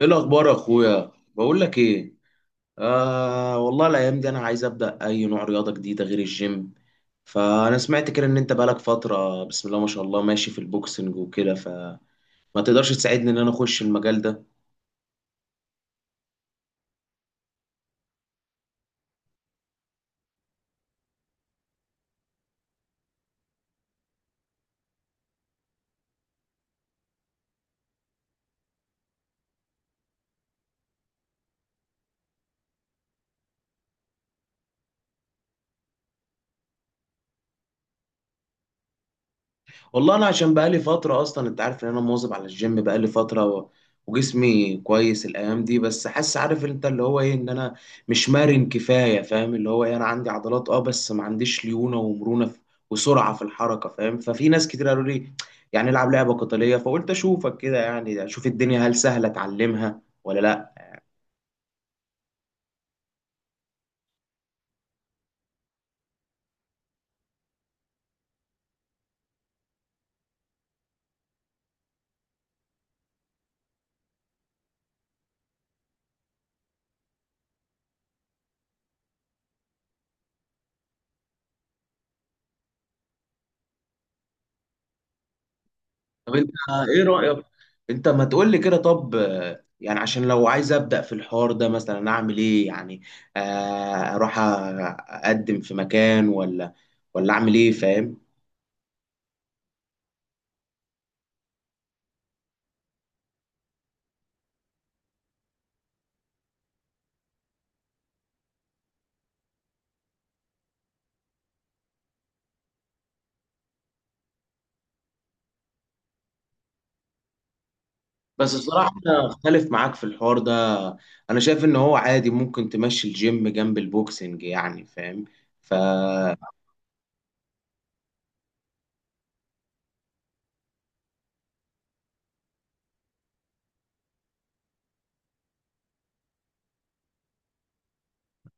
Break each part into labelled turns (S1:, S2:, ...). S1: ايه الاخبار يا اخويا، بقول لك ايه؟ آه، والله الايام دي انا عايز ابدا اي نوع رياضه جديده غير الجيم. فانا سمعت كده ان انت بقالك فتره، بسم الله ما شاء الله، ماشي في البوكسنج وكده، فما تقدرش تساعدني ان انا اخش المجال ده؟ والله انا عشان بقالي فتره اصلا، انت عارف ان انا مواظب على الجيم بقالي فتره وجسمي كويس الايام دي، بس حاسس، عارف انت اللي هو ايه، ان انا مش مرن كفايه، فاهم اللي هو ايه، انا عندي عضلات، اه، بس ما عنديش ليونه ومرونه وسرعه في الحركه، فاهم؟ ففي ناس كتير قالوا لي يعني العب لعبه قتاليه، فقلت اشوفك كده يعني، اشوف الدنيا هل سهله اتعلمها ولا لا. طب انت ايه رأيك؟ انت ما تقول لي كده طب، يعني عشان لو عايز ابدأ في الحوار ده مثلا اعمل ايه يعني؟ اروح اقدم في مكان، ولا اعمل ايه، فاهم؟ بس الصراحة انا اختلف معاك في الحوار ده. انا شايف ان هو عادي، ممكن تمشي الجيم جنب البوكسنج يعني، فاهم؟ ف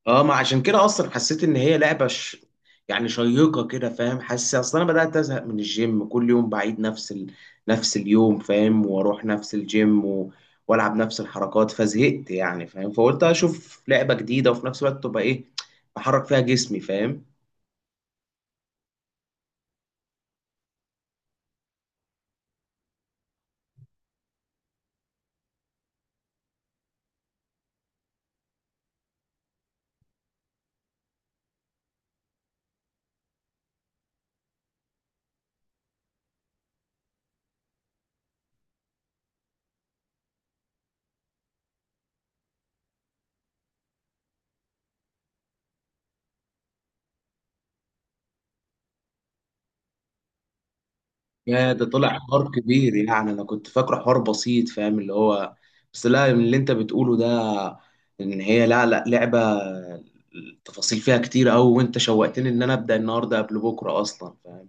S1: اه، ما عشان كده اصلا حسيت ان هي لعبه يعني شيقه كده، فاهم؟ حاسس اصلا انا بدات ازهق من الجيم، كل يوم بعيد نفس نفس اليوم، فاهم؟ واروح نفس الجيم والعب نفس الحركات، فزهقت يعني، فاهم؟ فقلت اشوف لعبه جديده، وفي نفس الوقت تبقى ايه، بحرك فيها جسمي، فاهم؟ يا، ده طلع حوار كبير يعني، انا كنت فاكره حوار بسيط، فاهم اللي هو؟ بس لا، من اللي انت بتقوله ده ان هي، لا لا، لعبه التفاصيل فيها كتير قوي، وانت شوقتني ان انا ابدا النهارده قبل بكره اصلا، فاهم؟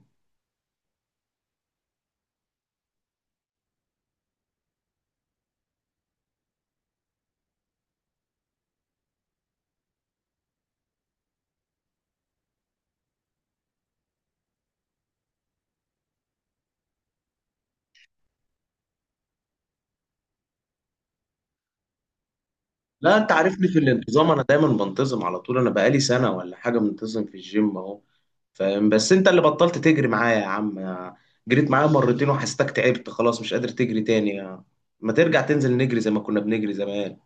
S1: لا، انت عارفني في الانتظام، انا دايما بنتظم على طول. انا بقالي سنه ولا حاجه منتظم في الجيم اهو، فاهم؟ بس انت اللي بطلت تجري معايا يا عم. جريت معايا مرتين وحسيتك تعبت خلاص، مش قادر تجري تاني. ما ترجع تنزل نجري زي ما كنا بنجري زمان.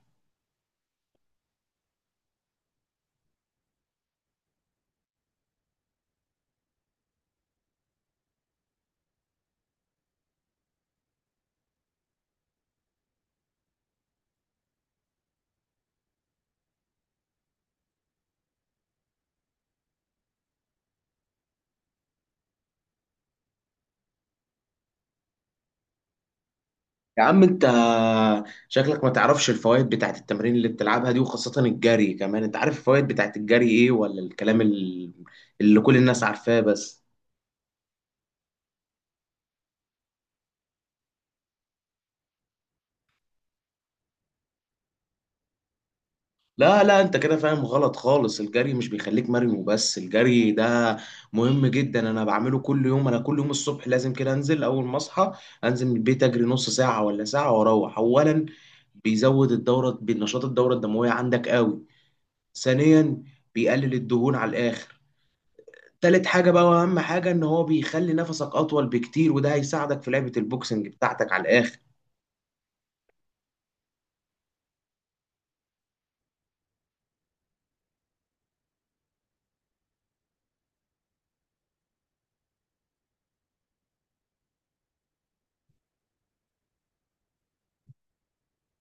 S1: يا عم انت، شكلك ما تعرفش الفوائد بتاعت التمارين اللي بتلعبها دي، وخاصة الجري كمان. انت عارف الفوائد بتاعت الجري ايه، ولا الكلام اللي كل الناس عارفاه بس؟ لا لا، انت كده فاهم غلط خالص. الجري مش بيخليك مرن وبس، الجري ده مهم جدا. انا بعمله كل يوم. انا كل يوم الصبح لازم كده انزل اول ما اصحى، انزل من البيت اجري نص ساعة ولا ساعة واروح. اولا، بيزود الدورة، بنشاط الدورة الدموية عندك قوي. ثانيا، بيقلل الدهون على الاخر. تالت حاجة بقى وأهم حاجة، إن هو بيخلي نفسك أطول بكتير، وده هيساعدك في لعبة البوكسنج بتاعتك على الآخر.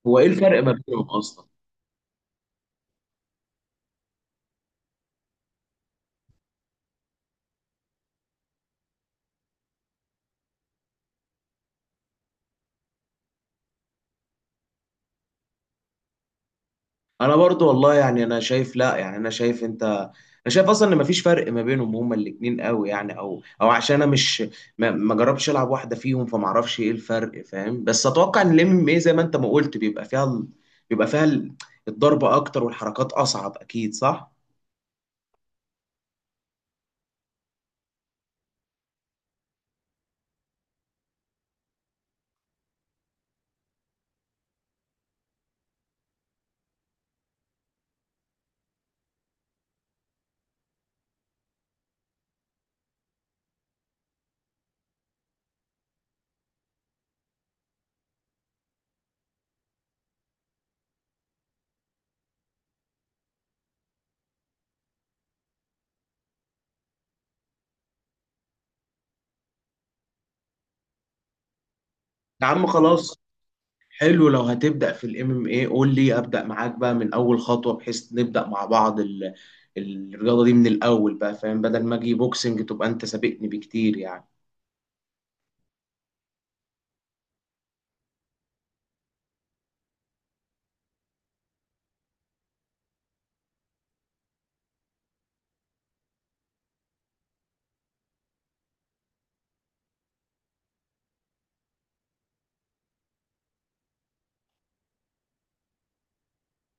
S1: هو إيه الفرق ما بينهم أصلا؟ أنا برضو والله يعني، أنا شايف، لا، يعني أنا شايف، أنت، أنا شايف أصلا إن مفيش فرق ما بينهم، هما الاتنين قوي يعني. أو عشان أنا مش ما جربتش ألعب واحدة فيهم، فمعرفش إيه الفرق، فاهم؟ بس أتوقع إن MMA زي ما أنت ما قلت، بيبقى فيها الضربة أكتر، والحركات أصعب، أكيد صح؟ يا عم خلاص، حلو. لو هتبدأ في MMA قول لي ابدأ معاك بقى من اول خطوة، بحيث نبدأ مع بعض الرياضة دي من الاول بقى، فاهم؟ بدل ما اجي بوكسنج تبقى انت سابقني بكتير يعني.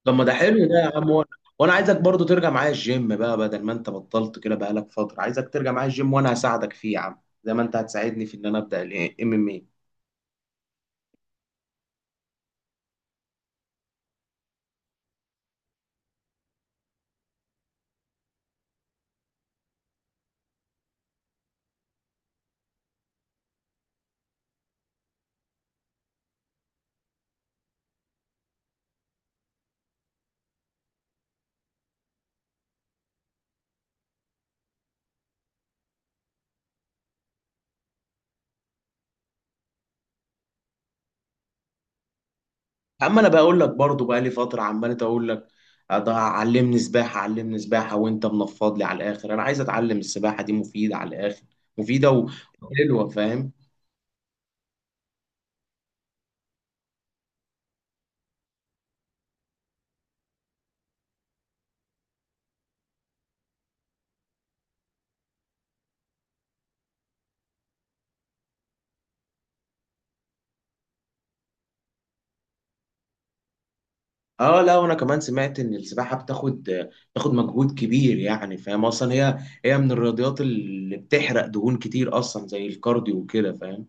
S1: طب ما ده حلو ده يا عم. وأنا عايزك برضو ترجع معايا الجيم بقى، بدل ما انت بطلت كده بقالك فترة. عايزك ترجع معايا الجيم وانا هساعدك فيه يا عم، زي ما انت هتساعدني في ان انا ابدأ MMA. اما انا بقول لك برضو، بقى لي فتره عمال اقول لك، علمني سباحه، علمني سباحه. وانت منفض لي على الاخر. انا عايز اتعلم السباحه، دي مفيده على الاخر، مفيده وحلوه، فاهم؟ اه لا، وانا كمان سمعت ان السباحه بتاخد مجهود كبير يعني، فاهم؟ اصلا هي، من الرياضيات اللي بتحرق دهون كتير اصلا، زي الكارديو وكده، فاهم؟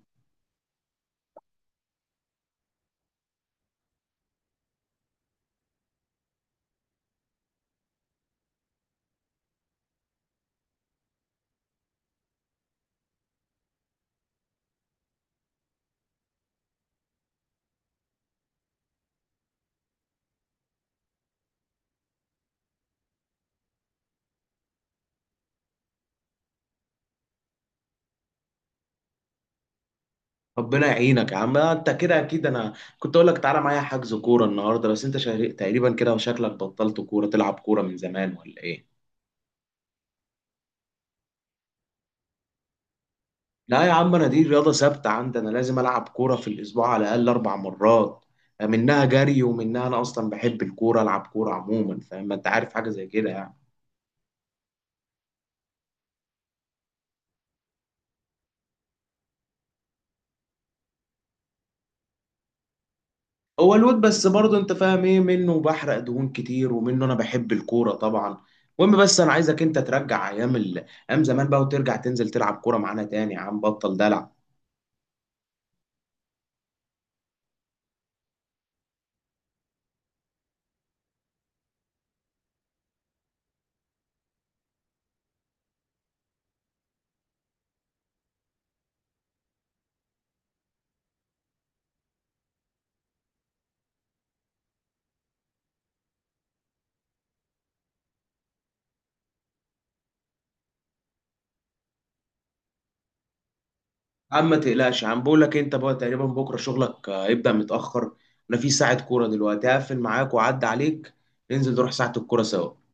S1: ربنا يعينك يا عم. انت كده اكيد. انا كنت اقول لك تعالى معايا حجز كوره النهارده، بس انت تقريبا كده، وشكلك بطلت كوره، تلعب كوره من زمان ولا ايه؟ لا يا عم، انا دي رياضه ثابته عندي. انا لازم العب كوره في الاسبوع على الاقل 4 مرات، منها جري، ومنها انا اصلا بحب الكوره، العب كوره عموما، فاهم؟ ما انت عارف حاجه زي كده يعني. هو الواد بس برضه، انت فاهم ايه، منه بحرق دهون كتير، ومنه انا بحب الكوره طبعا. المهم، بس انا عايزك انت ترجع ايام ايام زمان بقى، وترجع تنزل تلعب كوره معانا تاني يا عم، بطل دلع. يا عم ما تقلقش يا عم، بقول لك انت بقى تقريبا بكره شغلك هيبدا متاخر. انا في ساعه كوره دلوقتي، هقفل معاك واعدي عليك، ننزل نروح ساعه الكوره سوا.